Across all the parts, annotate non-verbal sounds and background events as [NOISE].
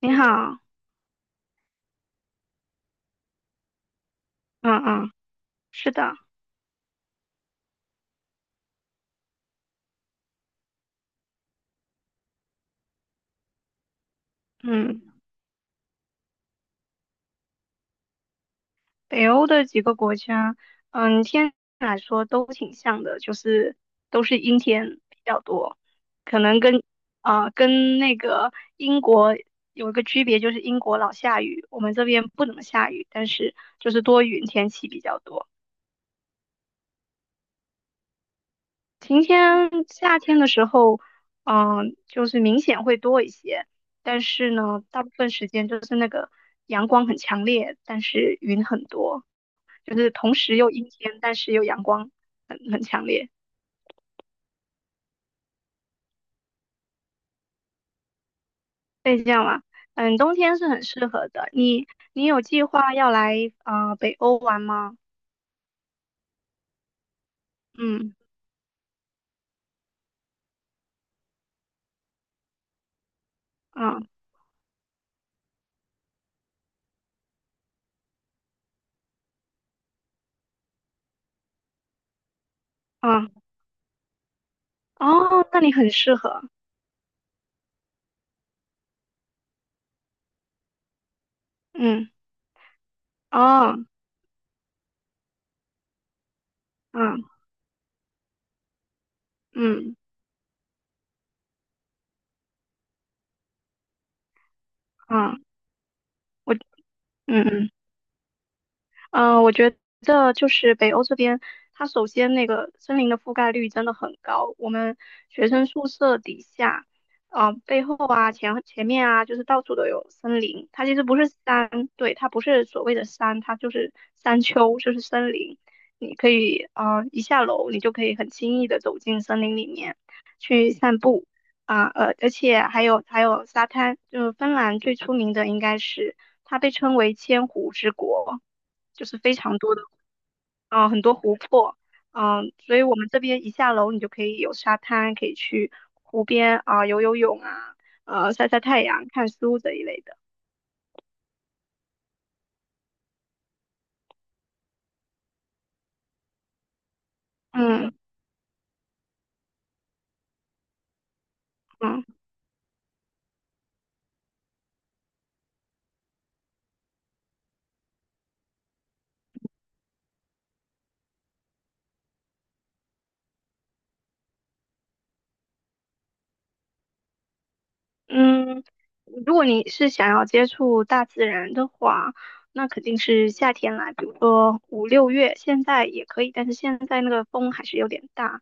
你好，嗯嗯，是的，嗯，北欧的几个国家，天气来说都挺像的，就是都是阴天比较多，可能跟那个英国有一个区别，就是英国老下雨，我们这边不怎么下雨，但是就是多云天气比较多。晴天，夏天的时候，就是明显会多一些，但是呢，大部分时间就是那个阳光很强烈，但是云很多，就是同时又阴天，但是又阳光很强烈，可以这样吗？嗯，冬天是很适合的。你有计划要来北欧玩吗？嗯嗯嗯，哦，那你很适合。嗯哦嗯嗯嗯，我嗯嗯。嗯，我觉得就是北欧这边，它首先那个森林的覆盖率真的很高。我们学生宿舍底下，背后啊、前面啊，就是到处都有森林。它其实不是山，对，它不是所谓的山，它就是山丘，就是森林。你可以一下楼你就可以很轻易的走进森林里面去散步啊，而且还有沙滩，就是芬兰最出名的应该是它被称为千湖之国。就是非常多的，很多湖泊，所以我们这边一下楼，你就可以有沙滩，可以去湖边啊、游游泳啊，晒晒太阳、看书这一类的。嗯嗯，嗯，如果你是想要接触大自然的话，那肯定是夏天来，比如说5、6月，现在也可以，但是现在那个风还是有点大。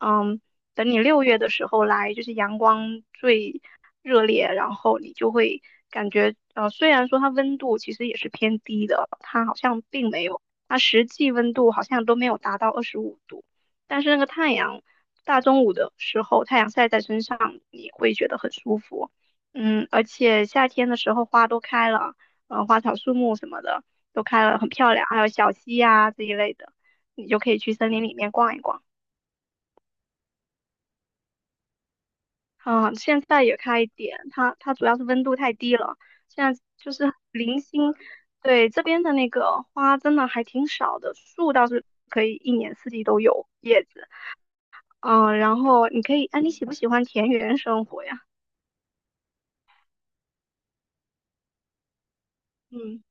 嗯，等你六月的时候来，就是阳光最热烈，然后你就会感觉，虽然说它温度其实也是偏低的，它好像并没有，它实际温度好像都没有达到25度，但是那个太阳。大中午的时候，太阳晒在身上，你会觉得很舒服。嗯，而且夏天的时候花都开了，花草树木什么的都开了，很漂亮，还有小溪呀、这一类的，你就可以去森林里面逛一逛。嗯，现在也开一点，它主要是温度太低了，现在就是零星。对，这边的那个花真的还挺少的，树倒是可以一年四季都有叶子。然后你可以，哎、你喜不喜欢田园生活呀？嗯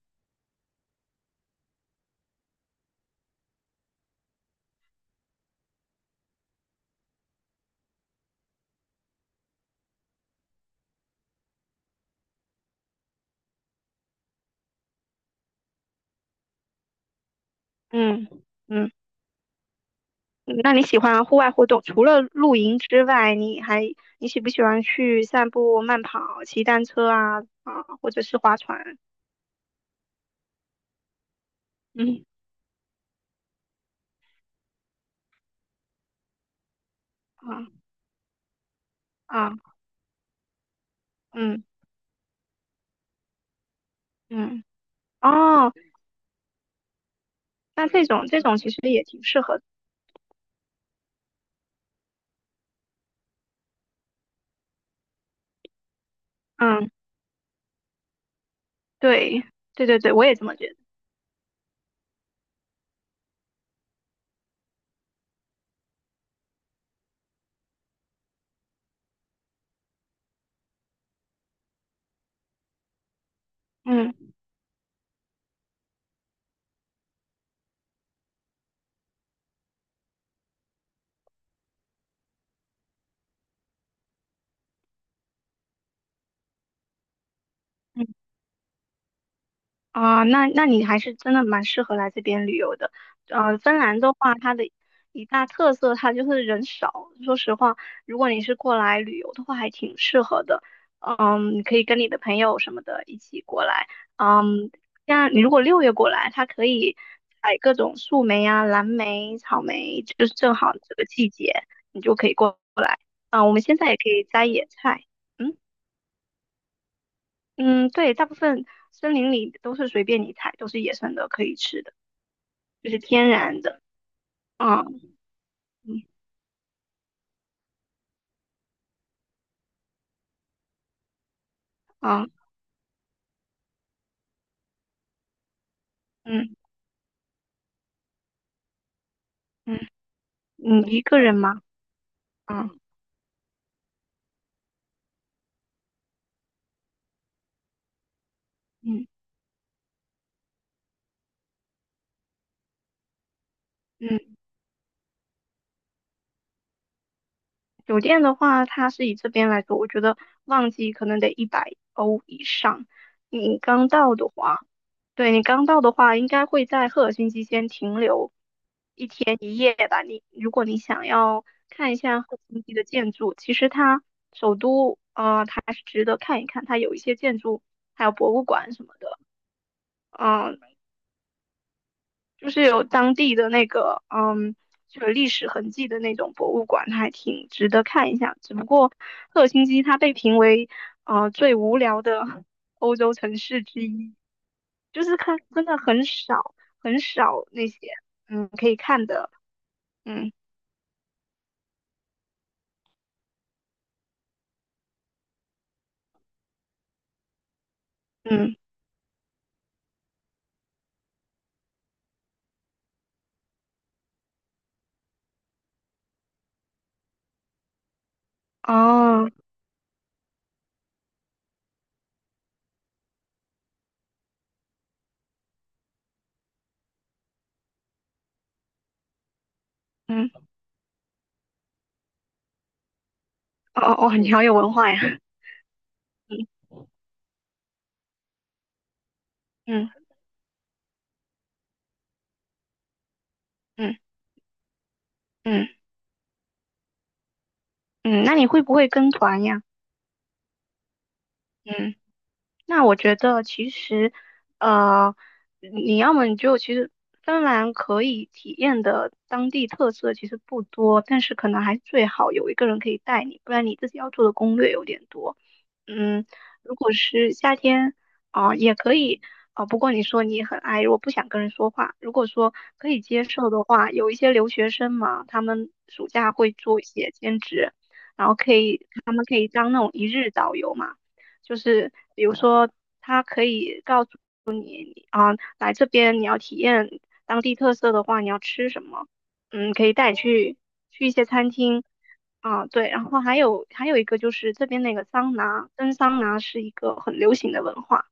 嗯嗯。嗯，那你喜欢户外活动，除了露营之外，你喜不喜欢去散步、慢跑、骑单车啊，或者是划船？嗯啊啊嗯嗯哦，那这种其实也挺适合的。嗯，对对对对，我也这么觉得。嗯。嗯啊，那你还是真的蛮适合来这边旅游的。芬兰的话，它的一大特色它就是人少。说实话，如果你是过来旅游的话，还挺适合的。嗯，你可以跟你的朋友什么的一起过来。嗯，像你如果六月过来，它可以采各种树莓啊、蓝莓、草莓，就是正好这个季节，你就可以过。啊，我们现在也可以摘野菜。嗯嗯，对，大部分森林里都是随便你采，都是野生的，可以吃的。就是天然的。嗯嗯嗯嗯嗯，你一个人吗？啊，嗯嗯，酒店的话，它是以这边来说，我觉得旺季可能得100欧以上。你刚到的话，对你刚到的话，应该会在赫尔辛基先停留一天一夜吧。如果你想要看一下赫尔辛基的建筑，其实它首都，它还是值得看一看，它有一些建筑，还有博物馆什么的。嗯、就是有当地的那个就有历史痕迹的那种博物馆，还挺值得看一下。只不过赫尔辛基它被评为最无聊的 [LAUGHS] 欧洲城市之一，就是看真的很少很少那些可以看的，嗯嗯哦嗯哦哦哦，你好有文化呀，[LAUGHS] 嗯嗯嗯嗯嗯，那你会不会跟团呀？嗯。那我觉得其实，呃，你要么你就其实芬兰可以体验的当地特色其实不多，但是可能还是最好有一个人可以带你，不然你自己要做的攻略有点多。嗯，如果是夏天啊，也可以啊，不过你说你很爱，如果不想跟人说话，如果说可以接受的话，有一些留学生嘛，他们暑假会做一些兼职，然后他们可以当那种一日导游嘛。就是比如说，他可以告诉你啊，来这边你要体验当地特色的话，你要吃什么，可以带你去一些餐厅啊，对，然后还有一个就是这边那个桑拿，蒸桑拿是一个很流行的文化，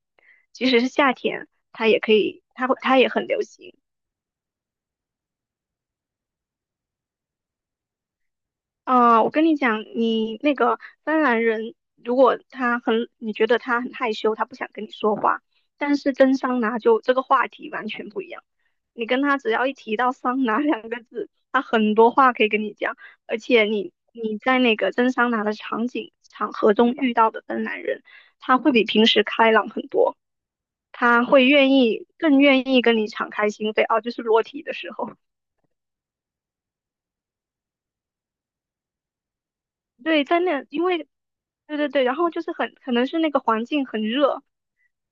即使是夏天，它也可以，它也很流行，啊，我跟你讲，你那个芬兰人，如果他很，你觉得他很害羞，他不想跟你说话，但是跟桑拿就这个话题完全不一样。你跟他只要一提到桑拿 [LAUGHS] 两个字，他很多话可以跟你讲，而且你在那个蒸桑拿的场景场合中遇到的芬兰人，他会比平时开朗很多，他会更愿意跟你敞开心扉啊，就是裸体的时候。对，在那，因为，对对对，然后就是很可能是那个环境很热，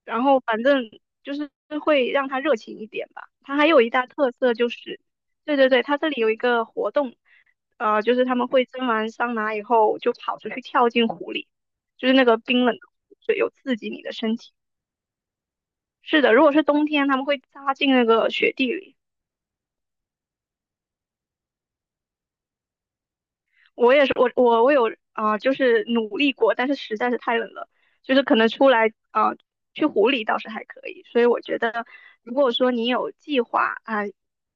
然后反正就是会让他热情一点吧。它还有一大特色就是，对对对，它这里有一个活动，就是他们会蒸完桑拿以后就跑出去跳进湖里，就是那个冰冷的湖水有刺激你的身体。是的，如果是冬天，他们会扎进那个雪地里。我也是，我有就是努力过，但是实在是太冷了，就是可能出来去湖里倒是还可以，所以我觉得，如果说你有计划啊、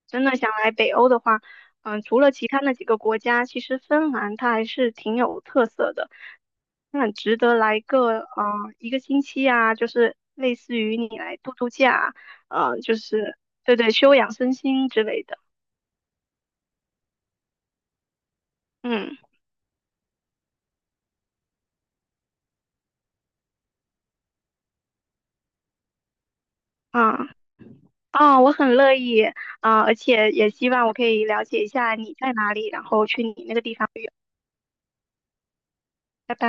真的想来北欧的话，除了其他那几个国家，其实芬兰它还是挺有特色的，很值得来个一个星期啊，就是类似于你来度度假啊，就是对对，休养身心之类的，嗯啊。啊，我很乐意啊，而且也希望我可以了解一下你在哪里，然后去你那个地方旅游。拜拜。